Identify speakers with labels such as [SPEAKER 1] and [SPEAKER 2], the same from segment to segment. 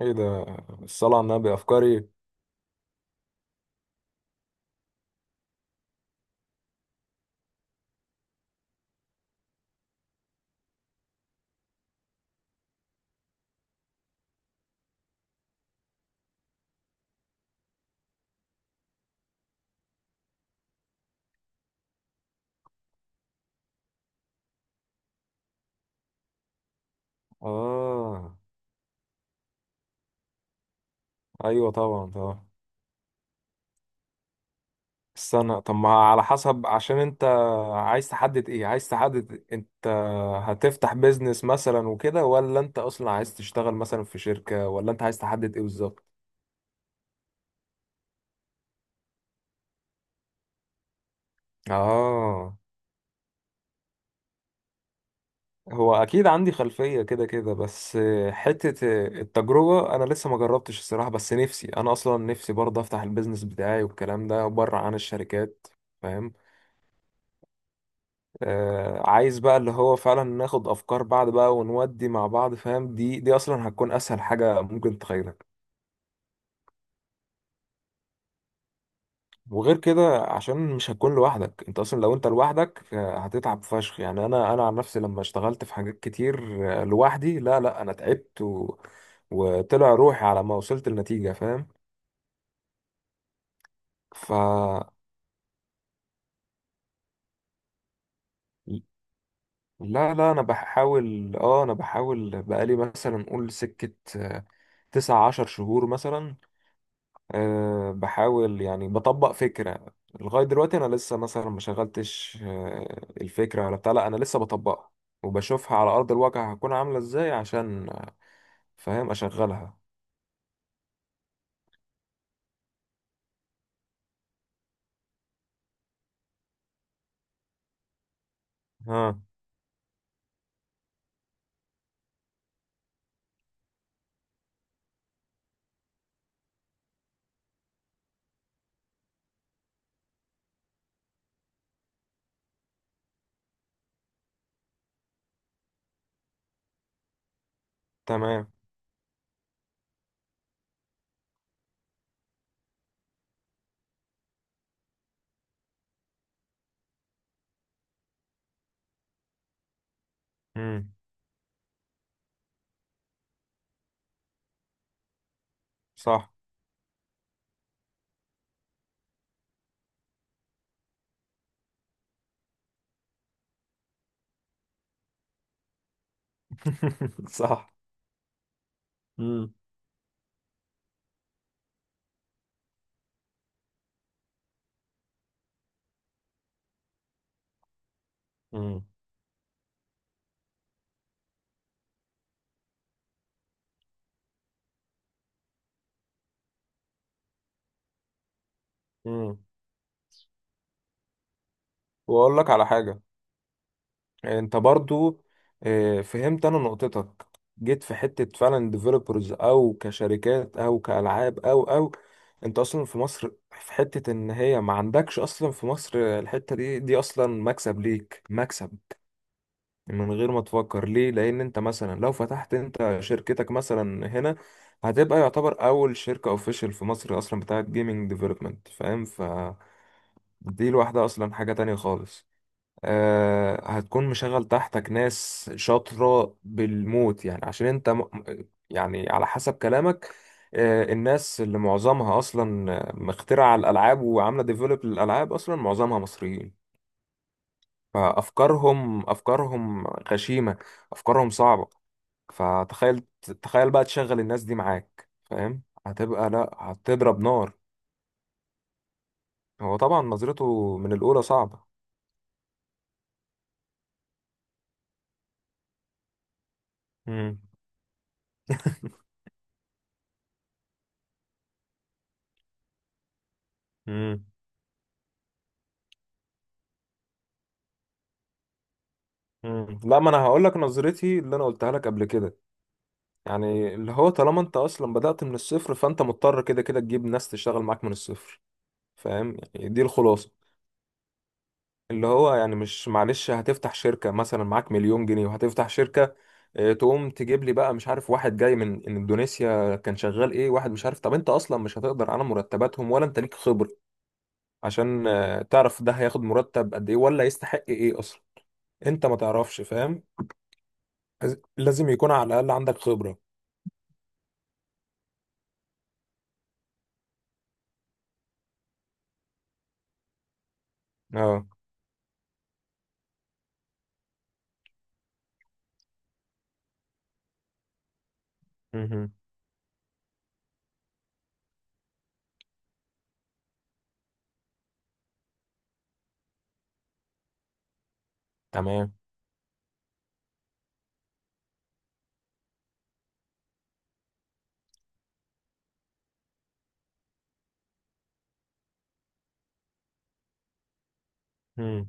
[SPEAKER 1] ايه ده؟ الصلاة على النبي افكاري. اه ايوه، طبعا طبعا. استنى، طب ما على حسب، عشان انت عايز تحدد ايه، عايز تحدد انت هتفتح بيزنس مثلا وكده، ولا انت اصلا عايز تشتغل مثلا في شركة، ولا انت عايز تحدد ايه بالظبط؟ اه هو اكيد عندي خلفية كده كده، بس حتة التجربة، انا لسه ما جربتش الصراحة، بس نفسي، انا اصلا نفسي برضه افتح البيزنس بتاعي والكلام ده بره عن الشركات، فاهم؟ عايز بقى اللي هو فعلا ناخد افكار بعض بقى، ونودي مع بعض، فاهم؟ دي اصلا هتكون اسهل حاجه ممكن تخيلك. وغير كده عشان مش هتكون لوحدك، انت اصلا لو انت لوحدك هتتعب فشخ، يعني انا عن نفسي لما اشتغلت في حاجات كتير لوحدي، لا لا انا تعبت وطلع روحي على ما وصلت النتيجه، فاهم؟ ف لا لا انا بحاول، بقالي مثلا قول سكه 19 شهر مثلا. بحاول يعني بطبق فكرة. لغاية دلوقتي أنا لسه مثلا ما شغلتش الفكرة ولا بتاع، لا أنا لسه بطبقها وبشوفها على أرض الواقع هتكون عاملة إزاي، عشان فاهم أشغلها. ها. تمام. مم. صح. صح. مم. مم. مم. وأقول لك على حاجة. انت برضو فهمت انا نقطتك. جيت في حتة فعلا ديفلوبرز او كشركات او كالعاب او انت اصلا في مصر، في حتة ان هي ما عندكش اصلا في مصر، الحتة دي اصلا مكسب ليك، مكسب من غير ما تفكر ليه. لان انت مثلا لو فتحت انت شركتك مثلا هنا، هتبقى يعتبر اول شركة اوفيشال في مصر اصلا بتاعت جيمنج ديفلوبمنت، فاهم؟ فدي لوحدها اصلا حاجة تانية خالص. هتكون مشغل تحتك ناس شاطرة بالموت، يعني عشان انت يعني على حسب كلامك، الناس اللي معظمها اصلا مخترعة الالعاب وعاملة ديفلوب للالعاب، اصلا معظمها مصريين. فافكارهم غشيمة، افكارهم صعبة. فتخيل، تخيل بقى تشغل الناس دي معاك، فاهم؟ هتبقى، لا، هتضرب نار. هو طبعا نظرته من الاولى صعبة. مم. مم. مم. لا، ما انا هقول لك نظرتي اللي انا قلتها لك قبل كده. يعني اللي هو طالما انت اصلا بدأت من الصفر، فانت مضطر كده كده تجيب ناس تشتغل معاك من الصفر، فاهم؟ يعني دي الخلاصه. اللي هو يعني مش معلش، هتفتح شركه مثلا معاك 1,000,000 جنيه وهتفتح شركه، تقوم تجيب لي بقى مش عارف واحد جاي من اندونيسيا كان شغال ايه، واحد مش عارف، طب انت اصلا مش هتقدر على مرتباتهم، ولا انت ليك خبره عشان تعرف ده هياخد مرتب قد ايه، ولا يستحق ايه اصلا. انت ما تعرفش، فاهم؟ لازم يكون على الاقل عندك خبره. اه. مهم. تمام. مم.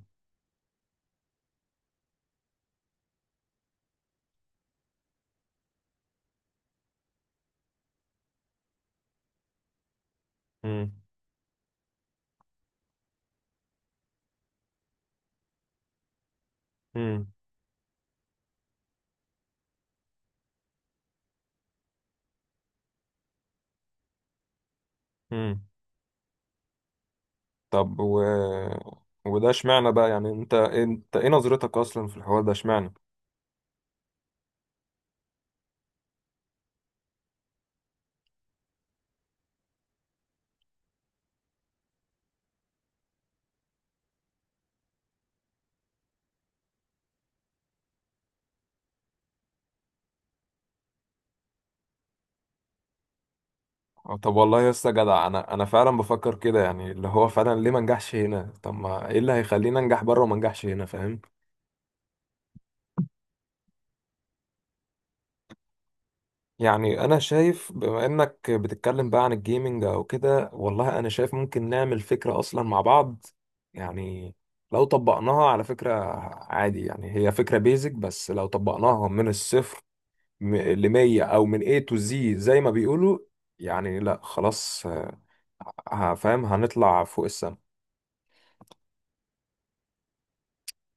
[SPEAKER 1] مم. مم. مم. طب وده اشمعنى بقى؟ يعني انت ايه نظرتك اصلا في الحوار ده، اشمعنى؟ أو، طب والله يا اسطى جدع، انا فعلا بفكر كده. يعني اللي هو فعلا، ليه ما نجحش هنا؟ طب ما ايه اللي هيخليني انجح بره وما نجحش هنا، فاهم؟ يعني انا شايف بما انك بتتكلم بقى عن الجيمنج او كده، والله انا شايف ممكن نعمل فكرة اصلا مع بعض، يعني لو طبقناها على فكرة عادي، يعني هي فكرة بيزك، بس لو طبقناها من الصفر لمية أو من A to Z زي ما بيقولوا، يعني لا خلاص، هفهم هنطلع فوق السما.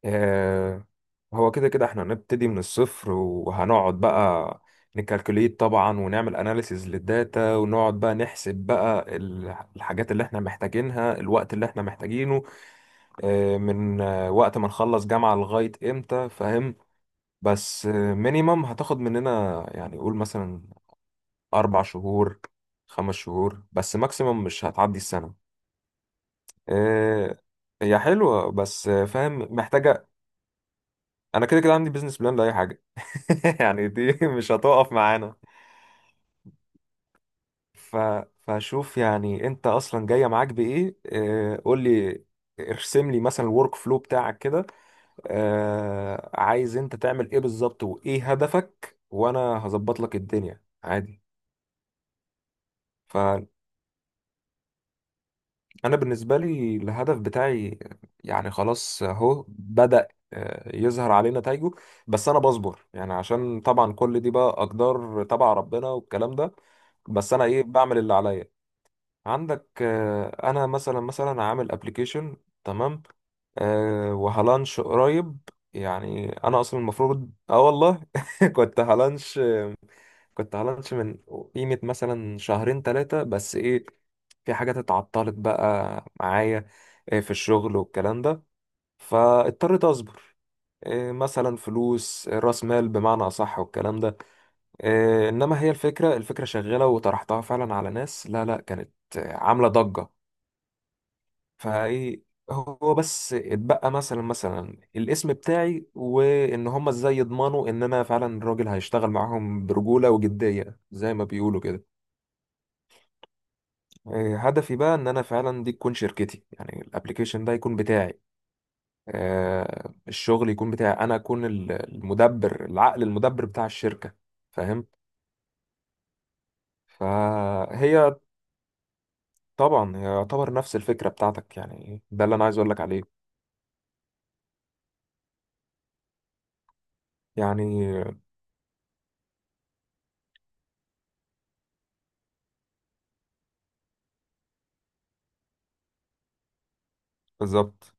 [SPEAKER 1] آه، هو كده كده احنا هنبتدي من الصفر، وهنقعد بقى نكالكوليت طبعا، ونعمل اناليسيز للداتا، ونقعد بقى نحسب بقى الحاجات اللي احنا محتاجينها، الوقت اللي احنا محتاجينه، من وقت ما نخلص جامعة لغاية امتى، فاهم؟ بس مينيمم هتاخد مننا، يعني قول مثلا أربع شهور، خمس شهور، بس ماكسيموم مش هتعدي السنة. إيه. هي حلوة، بس فاهم محتاجة. أنا كده كده عندي بيزنس بلان لأي حاجة. يعني دي مش هتقف معانا. ف... فشوف، يعني أنت أصلا جاية معاك بإيه، إيه قول لي، ارسم لي مثلا الورك فلو بتاعك كده. عايز أنت تعمل إيه بالظبط، وإيه هدفك؟ وأنا هظبط لك الدنيا عادي. ف انا بالنسبه لي الهدف بتاعي، يعني خلاص اهو بدأ يظهر عليه نتائجه، بس انا بصبر يعني، عشان طبعا كل دي بقى اقدار تبع ربنا والكلام ده، بس انا ايه، بعمل اللي عليا. عندك انا مثلا عامل ابلكيشن. تمام. وهلانش قريب، يعني انا اصلا المفروض والله كنت هلانش، كنت على لانش من قيمة مثلا شهرين ثلاثة، بس ايه، في حاجات اتعطلت بقى معايا، إيه، في الشغل والكلام ده، فاضطريت اصبر، إيه، مثلا فلوس، إيه، راس مال بمعنى اصح والكلام ده، إيه، انما هي الفكرة، شغالة وطرحتها فعلا على ناس، لا لا كانت عاملة ضجة. فايه. هو بس اتبقى مثلا الاسم بتاعي، وان هم ازاي يضمنوا ان انا فعلا الراجل هيشتغل معاهم برجولة وجدية زي ما بيقولوا كده. إيه، هدفي بقى ان انا فعلا دي تكون شركتي، يعني الابليكيشن ده يكون بتاعي، الشغل يكون بتاعي، انا اكون المدبر، العقل المدبر بتاع الشركة، فاهم؟ فهي طبعا هي يعتبر نفس الفكرة بتاعتك، يعني ده اللي انا عايز اقول لك عليه. يعني بالظبط.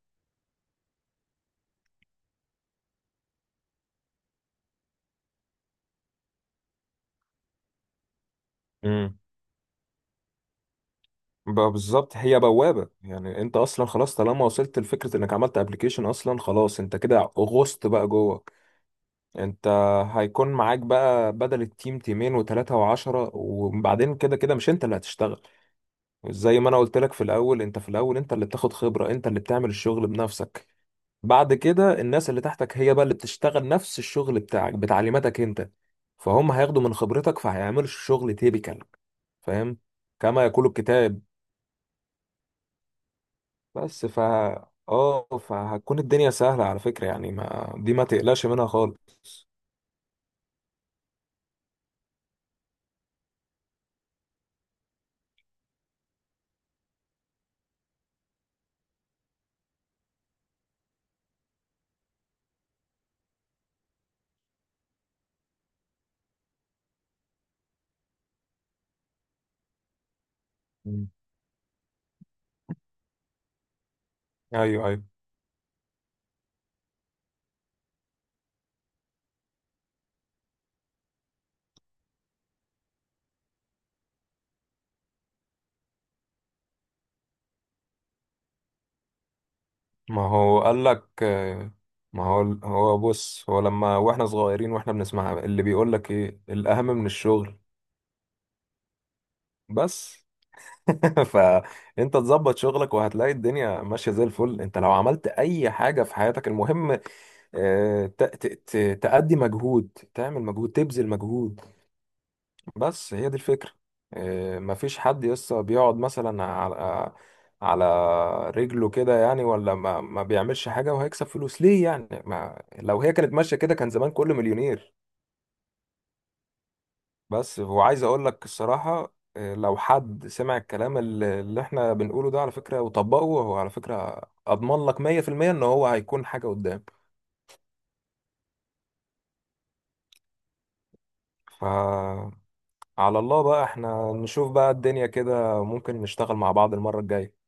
[SPEAKER 1] امم بالظبط. هي بوابة، يعني انت اصلا خلاص طالما وصلت لفكرة انك عملت ابليكيشن اصلا، خلاص، انت كده غصت بقى جوه. انت هيكون معاك بقى بدل التيم تيمين وتلاتة وعشرة، وبعدين كده كده مش انت اللي هتشتغل، زي ما انا قلت لك في الاول، انت في الاول انت اللي بتاخد خبرة، انت اللي بتعمل الشغل بنفسك، بعد كده الناس اللي تحتك هي بقى اللي بتشتغل نفس الشغل بتاعك بتعليماتك انت، فهم هياخدوا من خبرتك، فهيعملوا الشغل تيبيكال، فاهم؟ كما يقول الكتاب. بس اه فهتكون الدنيا سهلة على فكرة، يعني ما دي ما تقلقش منها خالص. مم. ايوه، ايوه. ما هو قال لك ما هو بص، هو لما واحنا صغيرين واحنا بنسمع اللي بيقول لك ايه الاهم من الشغل، بس. فانت تظبط شغلك وهتلاقي الدنيا ماشيه زي الفل. انت لو عملت اي حاجه في حياتك المهم تأدي مجهود، تعمل مجهود، تبذل مجهود. بس هي دي الفكرة. إيه، مفيش حد يسطا بيقعد مثلا على على رجله كده، يعني، ولا ما بيعملش حاجة وهيكسب فلوس، ليه يعني؟ ما لو هي كانت ماشية كده كان زمان كله مليونير. بس وعايز اقول لك الصراحة، إيه، لو حد سمع الكلام اللي احنا بنقوله ده، على فكرة، وطبقه هو، على فكرة اضمن لك 100% ان هو هيكون حاجة قدام. ف على الله بقى، احنا نشوف بقى الدنيا، كده ممكن نشتغل مع بعض المرة الجاية.